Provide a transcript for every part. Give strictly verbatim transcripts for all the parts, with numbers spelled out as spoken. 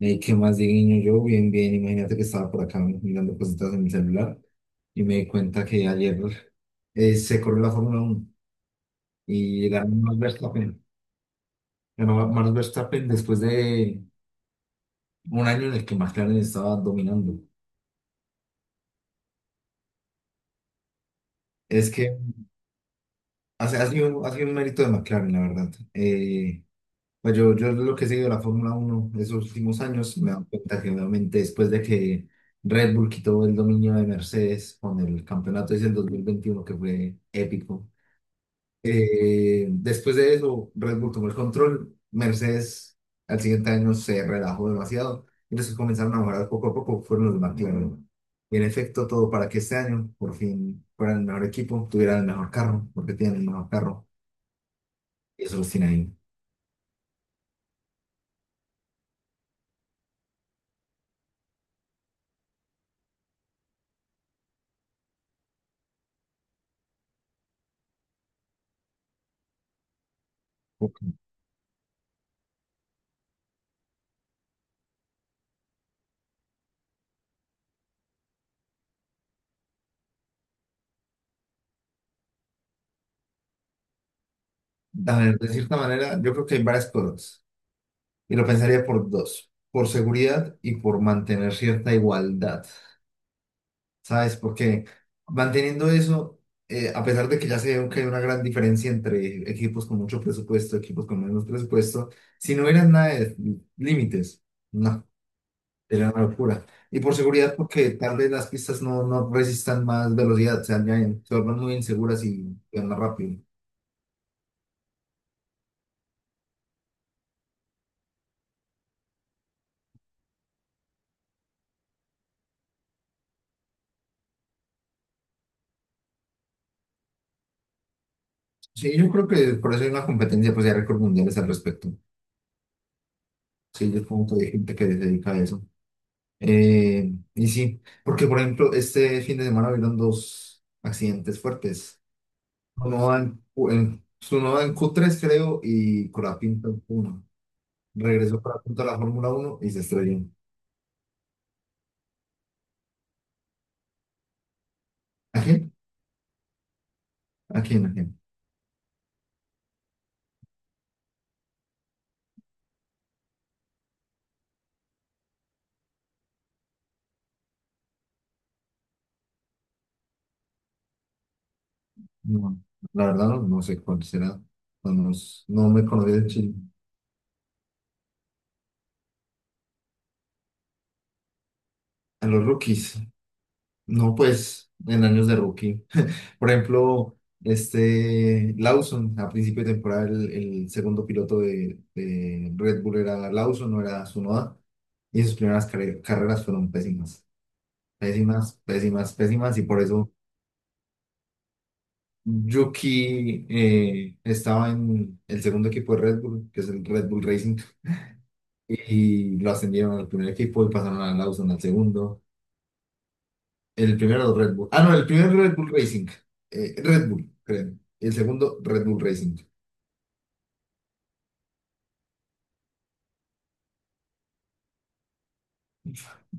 Eh, ¿qué más, Dieguiño? Yo bien, bien, imagínate que estaba por acá mirando cositas en mi celular y me di cuenta que ayer eh, se corrió la Fórmula uno y ganó Max Verstappen. Ganó Max Verstappen después de un año en el que McLaren estaba dominando. Es que hace, ha sido, ha sido un mérito de McLaren, la verdad. Eh, pues yo, yo lo que he seguido de la Fórmula uno esos últimos años me he dado cuenta que obviamente después de que Red Bull quitó el dominio de Mercedes con el campeonato ese del dos mil veintiuno que fue épico. Eh, después de eso, Red Bull tomó el control. Mercedes al siguiente año se relajó demasiado y los que comenzaron a mejorar poco a poco fueron los McLaren. Y en efecto, todo para que este año por fin fueran el mejor equipo, tuvieran el mejor carro, porque tienen el mejor carro y eso los tiene ahí. A ver, de cierta manera, yo creo que hay varias cosas y lo pensaría por dos, por seguridad y por mantener cierta igualdad. ¿Sabes? Porque manteniendo eso, eh, a pesar de que ya se ve que hay una gran diferencia entre equipos con mucho presupuesto, equipos con menos presupuesto, si no hubieran nada de límites, no, sería una locura. Y por seguridad, porque tal vez las pistas no, no resistan más velocidad, se dañan, se vuelven muy inseguras y van más rápido. Sí, yo creo que por eso hay una competencia, pues hay récord mundiales al respecto. Sí, yo como que hay gente que se dedica a eso. Eh, y sí, porque por ejemplo, este fin de semana hubieron dos accidentes fuertes. Uno en, Q- en, Tsunoda en Q tres, creo, y Colapinto en q uno. Regresó Colapinto a la Fórmula Uno y se estrelló. ¿A quién? ¿A quién? ¿A quién? No, la verdad no, no sé cuál será. No, no, no me conocí de Chile. A los rookies. No, pues, en años de rookie. Por ejemplo, este Lawson, a principio de temporada, el, el segundo piloto de, de Red Bull era Lawson, no era Tsunoda, y sus primeras carre- carreras fueron pésimas, pésimas, pésimas, pésimas, y por eso Yuki eh, estaba en el segundo equipo de Red Bull, que es el Red Bull Racing, y lo ascendieron al primer equipo y pasaron a Lawson al segundo. El primero Red Bull, ah, no, el primer Red Bull Racing, eh, Red Bull, creo, el segundo Red Bull Racing.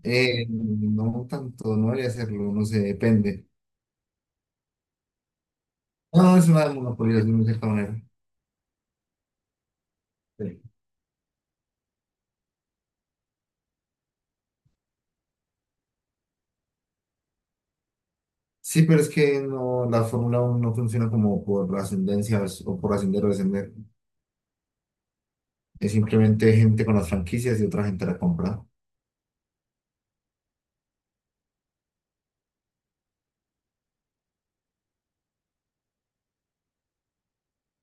Eh, no tanto, no debería hacerlo, no sé, depende. No, es una monopolio de una cierta manera. Sí, sí, pero es que no, la Fórmula uno no funciona como por ascendencias o por ascender o descender. Es simplemente gente con las franquicias y otra gente la compra.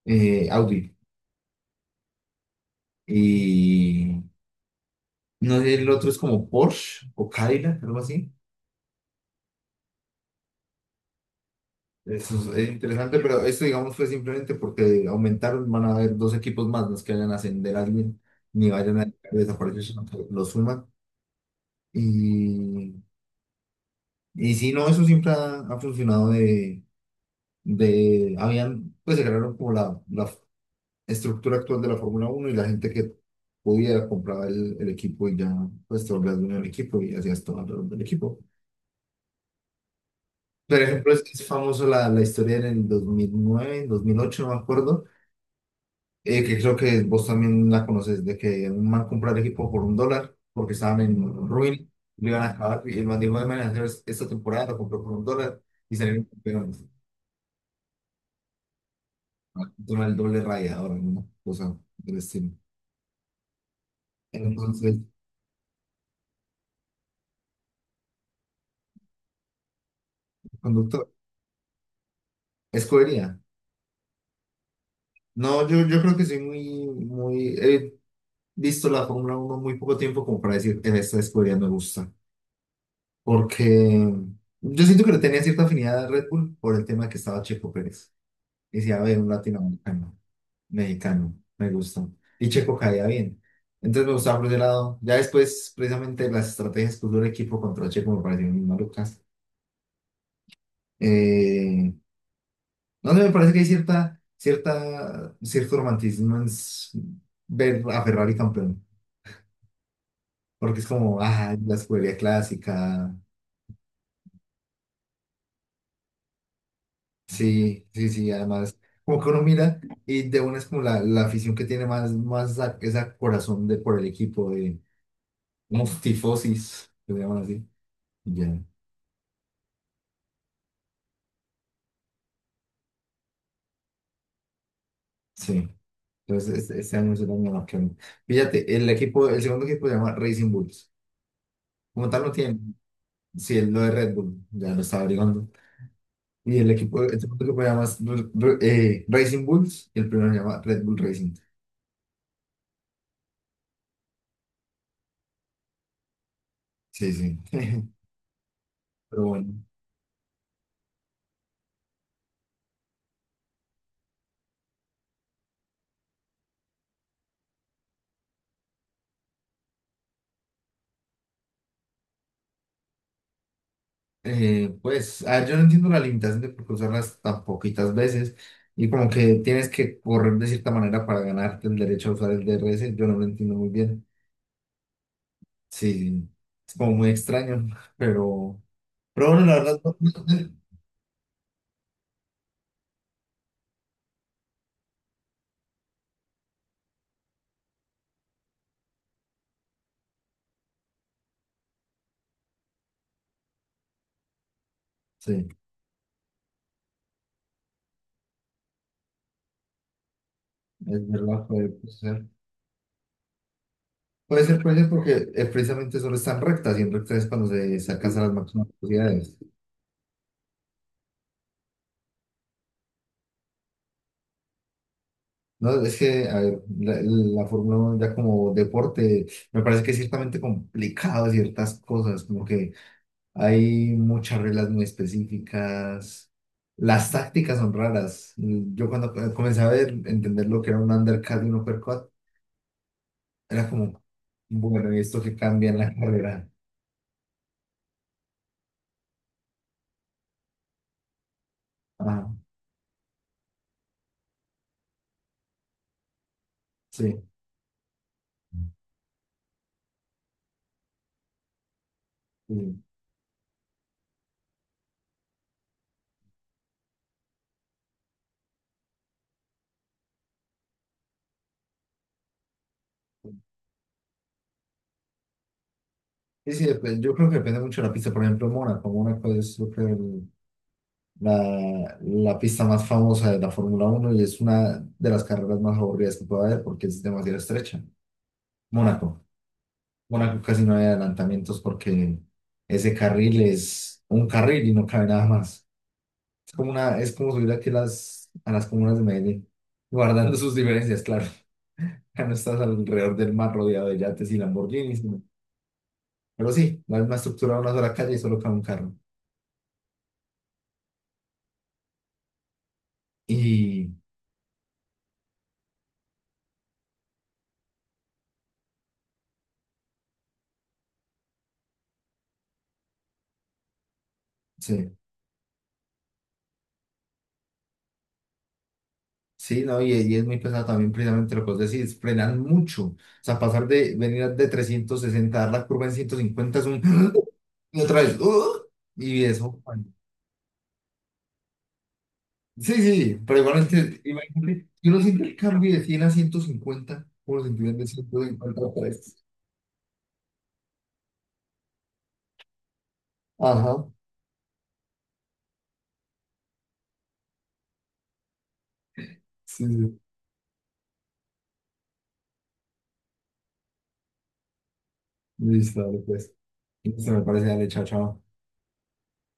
Eh, Audi. Y no sé, el otro es como Porsche o Cadillac, algo así. Eso es, es interesante, pero esto, digamos, fue simplemente porque aumentaron, van a haber dos equipos más, no es que vayan a ascender a alguien, ni vayan a desaparecer, sino que lo suman. Y, y sí, no, eso siempre ha, ha funcionado de, de, habían, pues se crearon como la, la estructura actual de la Fórmula Uno y la gente que podía comprar el, el equipo y ya, pues te volvías dueño del equipo y hacías todo alrededor del equipo. Por ejemplo, es, es famoso la, la historia en el dos mil nueve, en dos mil ocho no me acuerdo, eh, que creo que vos también la conoces, de que un man compró el equipo por un dólar porque estaban en ruin, lo iban a acabar y el man dijo, "Ay, man, esta temporada lo compró por un dólar y salieron campeones". Con el doble raya, ahora, una cosa del estilo. Entonces, conductor, escogería. No, yo, yo creo que soy muy, muy, he visto la Fórmula uno muy poco tiempo como para decir, en esta escudería me gusta. Porque yo siento que le tenía cierta afinidad a Red Bull por el tema que estaba Checo Pérez. Y decía, a ver, un latinoamericano, mexicano, me gusta. Y Checo caía bien. Entonces me gustaba por ese lado. Ya después, precisamente, las estrategias que usó el equipo contra Checo me parecieron muy malucas. eh No sé, me parece que hay cierta, cierta, cierto romanticismo en s- ver a Ferrari campeón, porque es como, ah, la escudería clásica, sí, sí, sí, además, como que uno mira y de una es como la, la afición que tiene más, más a- esa corazón de por el equipo, de como tifosis, que le llaman así, ya, sí. Entonces, este, este año es el año que... Fíjate, el equipo, el segundo equipo se llama Racing Bulls, como tal no tiene, sí, es lo de Red Bull, ya lo estaba averiguando. Y el equipo, este otro equipo se llama Ru- Ru- eh, Racing Bulls y el primero se llama Red Bull Racing. Sí, sí. Pero bueno, eh, pues, a ver, yo no entiendo la limitación de por qué usarlas tan poquitas veces y como que tienes que correr de cierta manera para ganarte el derecho a usar el D R S. Yo no lo entiendo muy bien. Sí, sí. Es como muy extraño, pero, pero bueno, la verdad, no- no- no- sí, es verdad, puede ser. Puede ser, puede ser porque eh, precisamente solo están rectas y en rectas es cuando se, se alcanzan las máximas velocidades. No, es que, a ver, la, la Fórmula uno ya como deporte me parece que es ciertamente complicado ciertas cosas, como que hay muchas reglas muy específicas, las tácticas son raras. Yo cuando co- comencé a ver, entender lo que era un undercut y un uppercut, era como, bueno, ¿y esto que cambia en la carrera? Ah, sí. Sí, sí, sí, dep- yo creo que depende mucho de la pista. Por ejemplo, Mónaco. Mónaco es, yo creo, la, la pista más famosa de la Fórmula Uno y es una de las carreras más aburridas que puede haber porque es demasiado estrecha. Mónaco. Mónaco casi no hay adelantamientos porque ese carril es un carril y no cabe nada más. Es como una, es como subir aquí las, a las comunas de Medellín, guardando sus diferencias, claro. Acá no estás alrededor del mar rodeado de yates y Lamborghinis, ¿no? Pero sí, la misma estructura, de una sola calle y solo cabe un carro. Y sí, sí, no, y, y es muy pesado también precisamente lo que vos decís, frenan mucho. O sea, pasar de venir de trescientos sesenta, dar la curva en ciento cincuenta es un... Y otra vez, y eso. Bueno. Sí, sí, sí, pero igualmente, imagínate, yo uno siente el cambio de cien a ciento cincuenta, uno sentir de ciento cincuenta a tres. Ajá, sí, sí, listo, dale, pues. Listo, me parece, dale, chao, chao.